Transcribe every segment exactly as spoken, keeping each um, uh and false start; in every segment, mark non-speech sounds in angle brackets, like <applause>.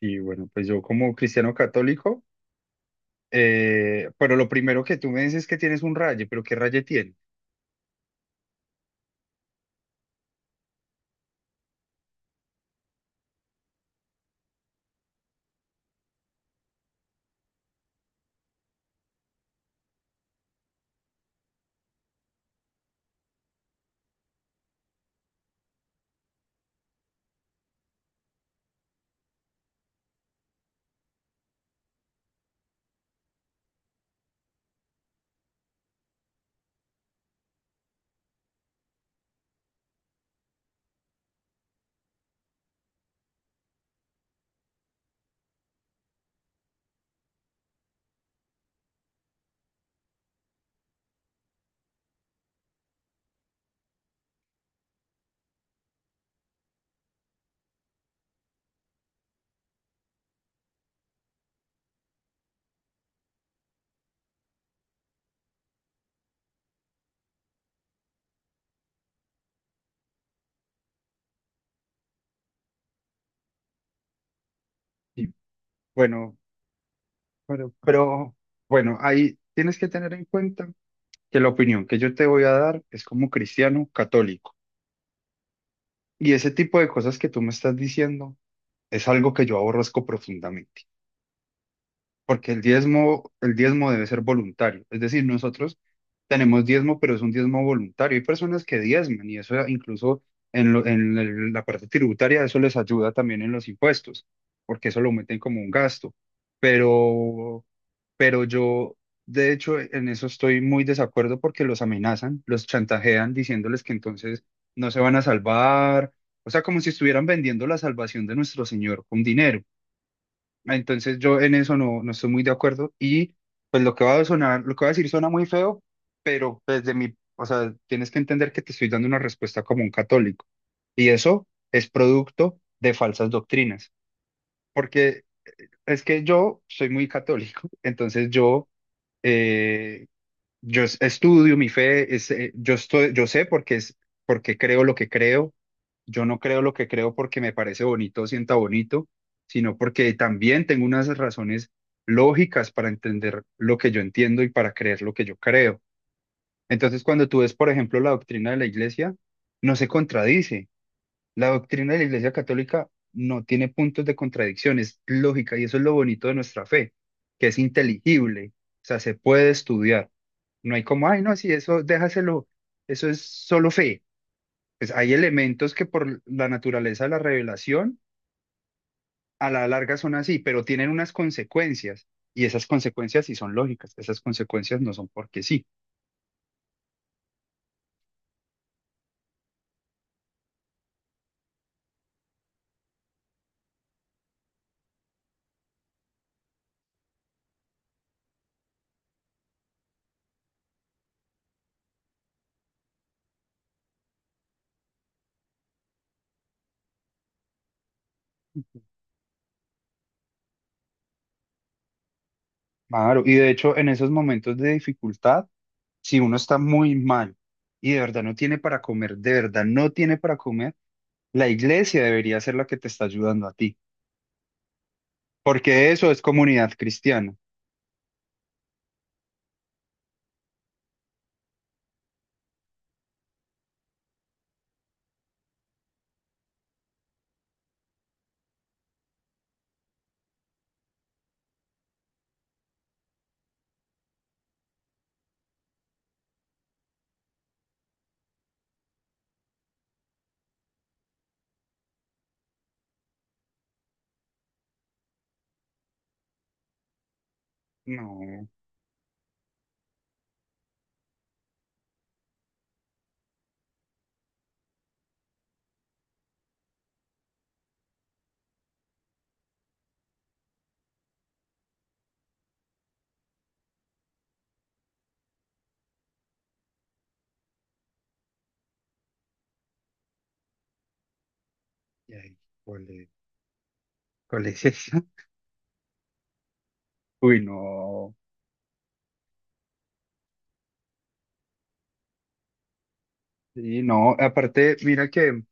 Sí, bueno, pues yo como cristiano católico, eh, pero lo primero que tú me dices es que tienes un raye, pero ¿qué raye tiene? Y bueno, pero, pero bueno, ahí tienes que tener en cuenta que la opinión que yo te voy a dar es como cristiano católico. Y ese tipo de cosas que tú me estás diciendo es algo que yo aborrezco profundamente, porque el diezmo, el diezmo debe ser voluntario. Es decir, nosotros tenemos diezmo, pero es un diezmo voluntario. Hay personas que diezman y eso incluso en, lo- en el- la parte tributaria, eso les ayuda también en los impuestos, porque eso lo meten como un gasto. Pero, pero yo, de hecho, en eso estoy muy desacuerdo porque los amenazan, los chantajean diciéndoles que entonces no se van a salvar. O sea, como si estuvieran vendiendo la salvación de nuestro Señor con dinero. Ah, Entonces yo en eso no, no estoy muy de acuerdo y pues lo que va a sonar, lo que va a decir suena muy feo, pero desde mi, o sea, tienes que entender que te estoy dando una respuesta como un católico y eso es producto de falsas doctrinas, porque es que yo soy muy católico, <laughs> entonces yo, eh, yo es- estudio, mi fe es, eh, yo estoy, yo sé porque es porque creo lo que creo. Yo no creo lo que creo porque me parece bonito o sienta bonito, sino porque también tengo unas razones lógicas para entender lo que yo entiendo y para creer lo que yo creo. Entonces, cuando tú ves, por ejemplo, la doctrina de la iglesia, no se contradice. La doctrina de la Iglesia Católica no tiene puntos de contradicción, es lógica y eso es lo bonito de nuestra fe, que es inteligible, o sea, se puede estudiar. No hay como, ay, no, si eso déjaselo, eso es solo fe. Pues hay elementos que por la naturaleza de la revelación a la larga son así, pero tienen unas consecuencias, y esas consecuencias sí son lógicas, esas consecuencias no son porque sí. Claro, y de hecho en esos momentos de dificultad, si uno está muy mal y de verdad no tiene para comer, de verdad no tiene para comer, la iglesia debería ser la que te está ayudando a ti, porque eso es comunidad cristiana. No, y ahí, ¿cuál es, cuál es eso? <laughs> Uy, no, sí, no, aparte, mira que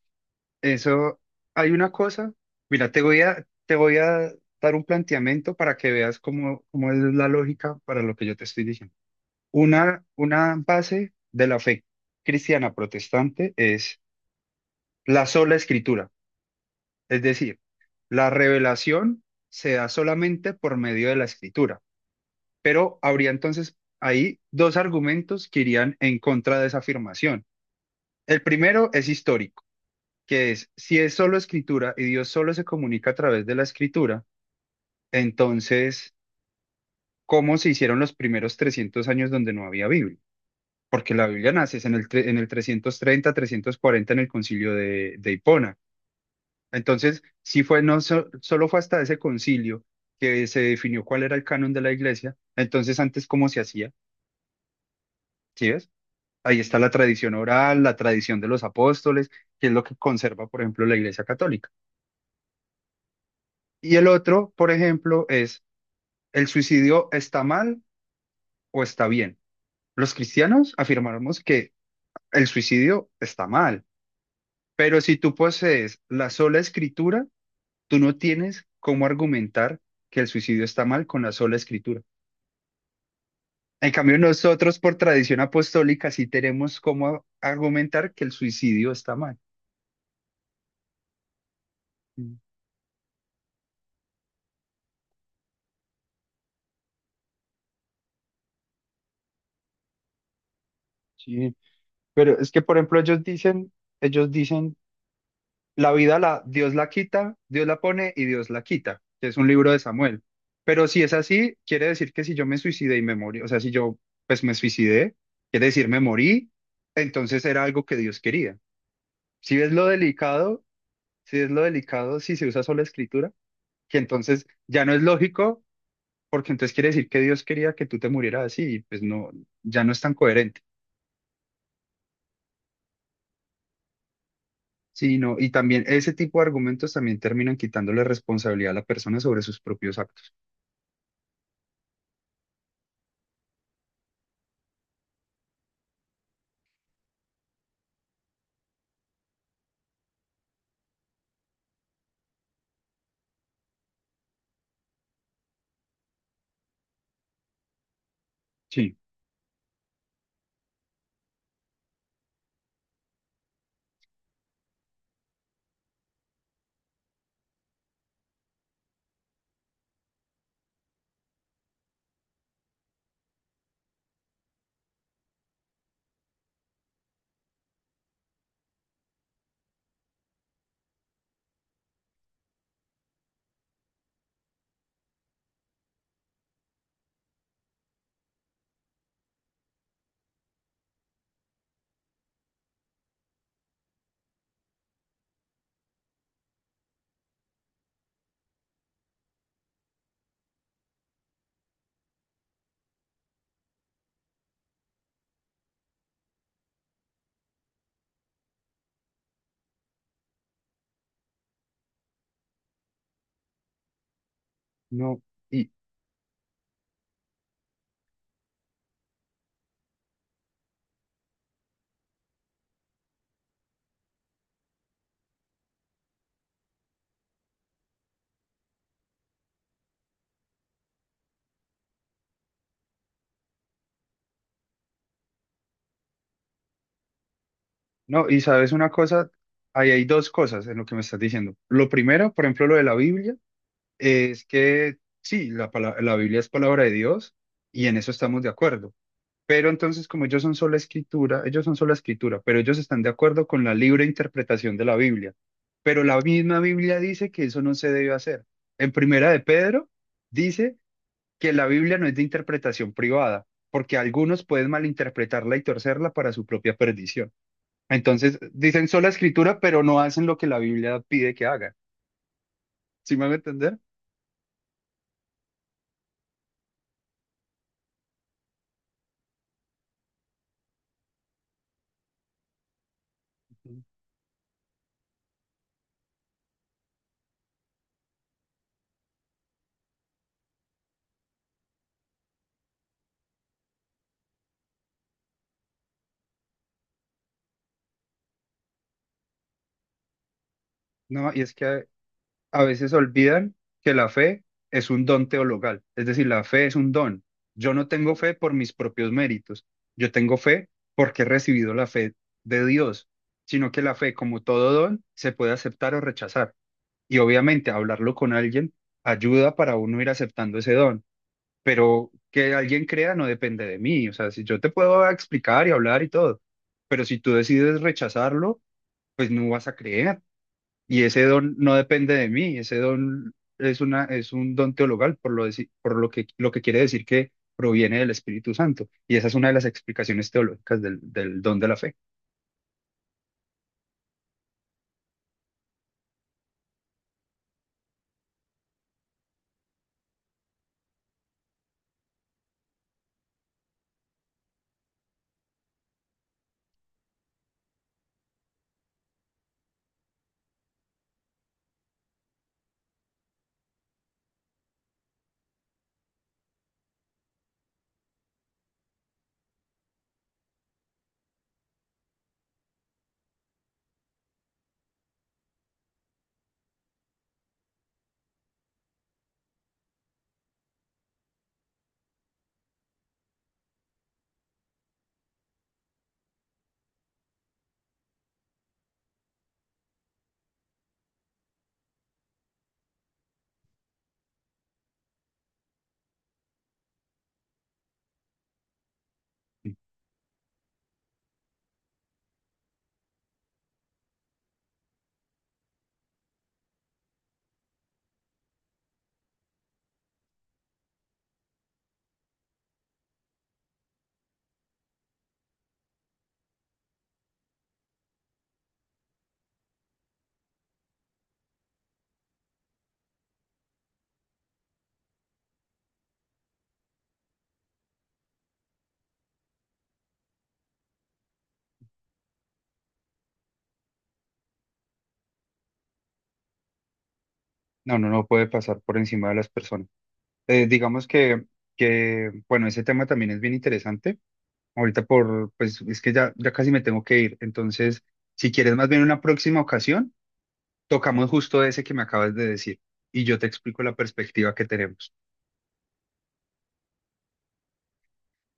eso, hay una cosa, mira, te voy a, te voy a dar un planteamiento para que veas cómo, cómo es la lógica para lo que yo te estoy diciendo. Una, una base de la fe cristiana protestante es la sola escritura. Es decir, la revelación se da solamente por medio de la escritura. Pero habría entonces ahí dos argumentos que irían en contra de esa afirmación. El primero es histórico, que es si es solo escritura y Dios solo se comunica a través de la escritura, entonces, ¿cómo se hicieron los primeros trescientos años donde no había Biblia? Porque la Biblia nace es en el, tre- en el trescientos treinta, trescientos cuarenta, en el concilio de, de Hipona. Entonces, sí fue, no so- solo fue hasta ese concilio que se definió cuál era el canon de la iglesia. Entonces, antes, ¿cómo se hacía? ¿Sí ves? Ahí está la tradición oral, la tradición de los apóstoles, que es lo que conserva, por ejemplo, la iglesia católica. Y el otro, por ejemplo, es, ¿el suicidio está mal o está bien? Los cristianos afirmamos que el suicidio está mal, pero si tú posees la sola escritura, tú no tienes cómo argumentar que el suicidio está mal con la sola escritura. En cambio, nosotros por tradición apostólica sí tenemos cómo argumentar que el suicidio está mal. Mm. Sí, pero es que, por ejemplo, ellos dicen, ellos dicen, la vida la, Dios la quita, Dios la pone y Dios la quita, que es un libro de Samuel. Pero si es así, quiere decir que si yo me suicidé y me morí, o sea, si yo pues me suicidé, quiere decir me morí, entonces era algo que Dios quería. Si es lo delicado, si es lo delicado, si se usa solo la escritura, que entonces ya no es lógico porque entonces quiere decir que Dios quería que tú te murieras así, y pues no, ya no es tan coherente. Sí, no, y también ese tipo de argumentos también terminan quitándole responsabilidad a la persona sobre sus propios actos. Sí, no, y no, y sabes una cosa, ahí hay dos cosas en lo que me estás diciendo. Lo primero, por ejemplo, lo de la Biblia, es que sí, la, pala- la Biblia es palabra de Dios y en eso estamos de acuerdo. Pero entonces, como ellos son sola escritura, ellos son sola escritura, pero ellos están de acuerdo con la libre interpretación de la Biblia. Pero la misma Biblia dice que eso no se debe hacer. En Primera de Pedro dice que la Biblia no es de interpretación privada, porque algunos pueden malinterpretarla y torcerla para su propia perdición. Entonces, dicen sola escritura, pero no hacen lo que la Biblia pide que hagan. ¿Sí me van a entender? Ujú. No, y es que a veces olvidan que la fe es un don teologal, es decir, la fe es un don. Yo no tengo fe por mis propios méritos, yo tengo fe porque he recibido la fe de Dios, sino que la fe, como todo don, se puede aceptar o rechazar. Y obviamente hablarlo con alguien ayuda para uno ir aceptando ese don, pero que alguien crea no depende de mí, o sea, si yo te puedo explicar y hablar y todo, pero si tú decides rechazarlo, pues no vas a creer. Y ese don no depende de mí, ese don es una, es un don teologal, por lo, deci- por lo que, lo que quiere decir que proviene del Espíritu Santo. Y esa es una de las explicaciones teológicas del, del don de la fe. No, no, no puede pasar por encima de las personas. Eh, digamos que, que, bueno, ese tema también es bien interesante. Ahorita por, pues es que ya, ya casi me tengo que ir. Entonces, si quieres más bien una próxima ocasión, tocamos justo ese que me acabas de decir y yo te explico la perspectiva que tenemos.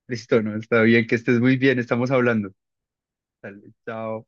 Listo, no, está bien, que estés muy bien, estamos hablando. Dale, chao.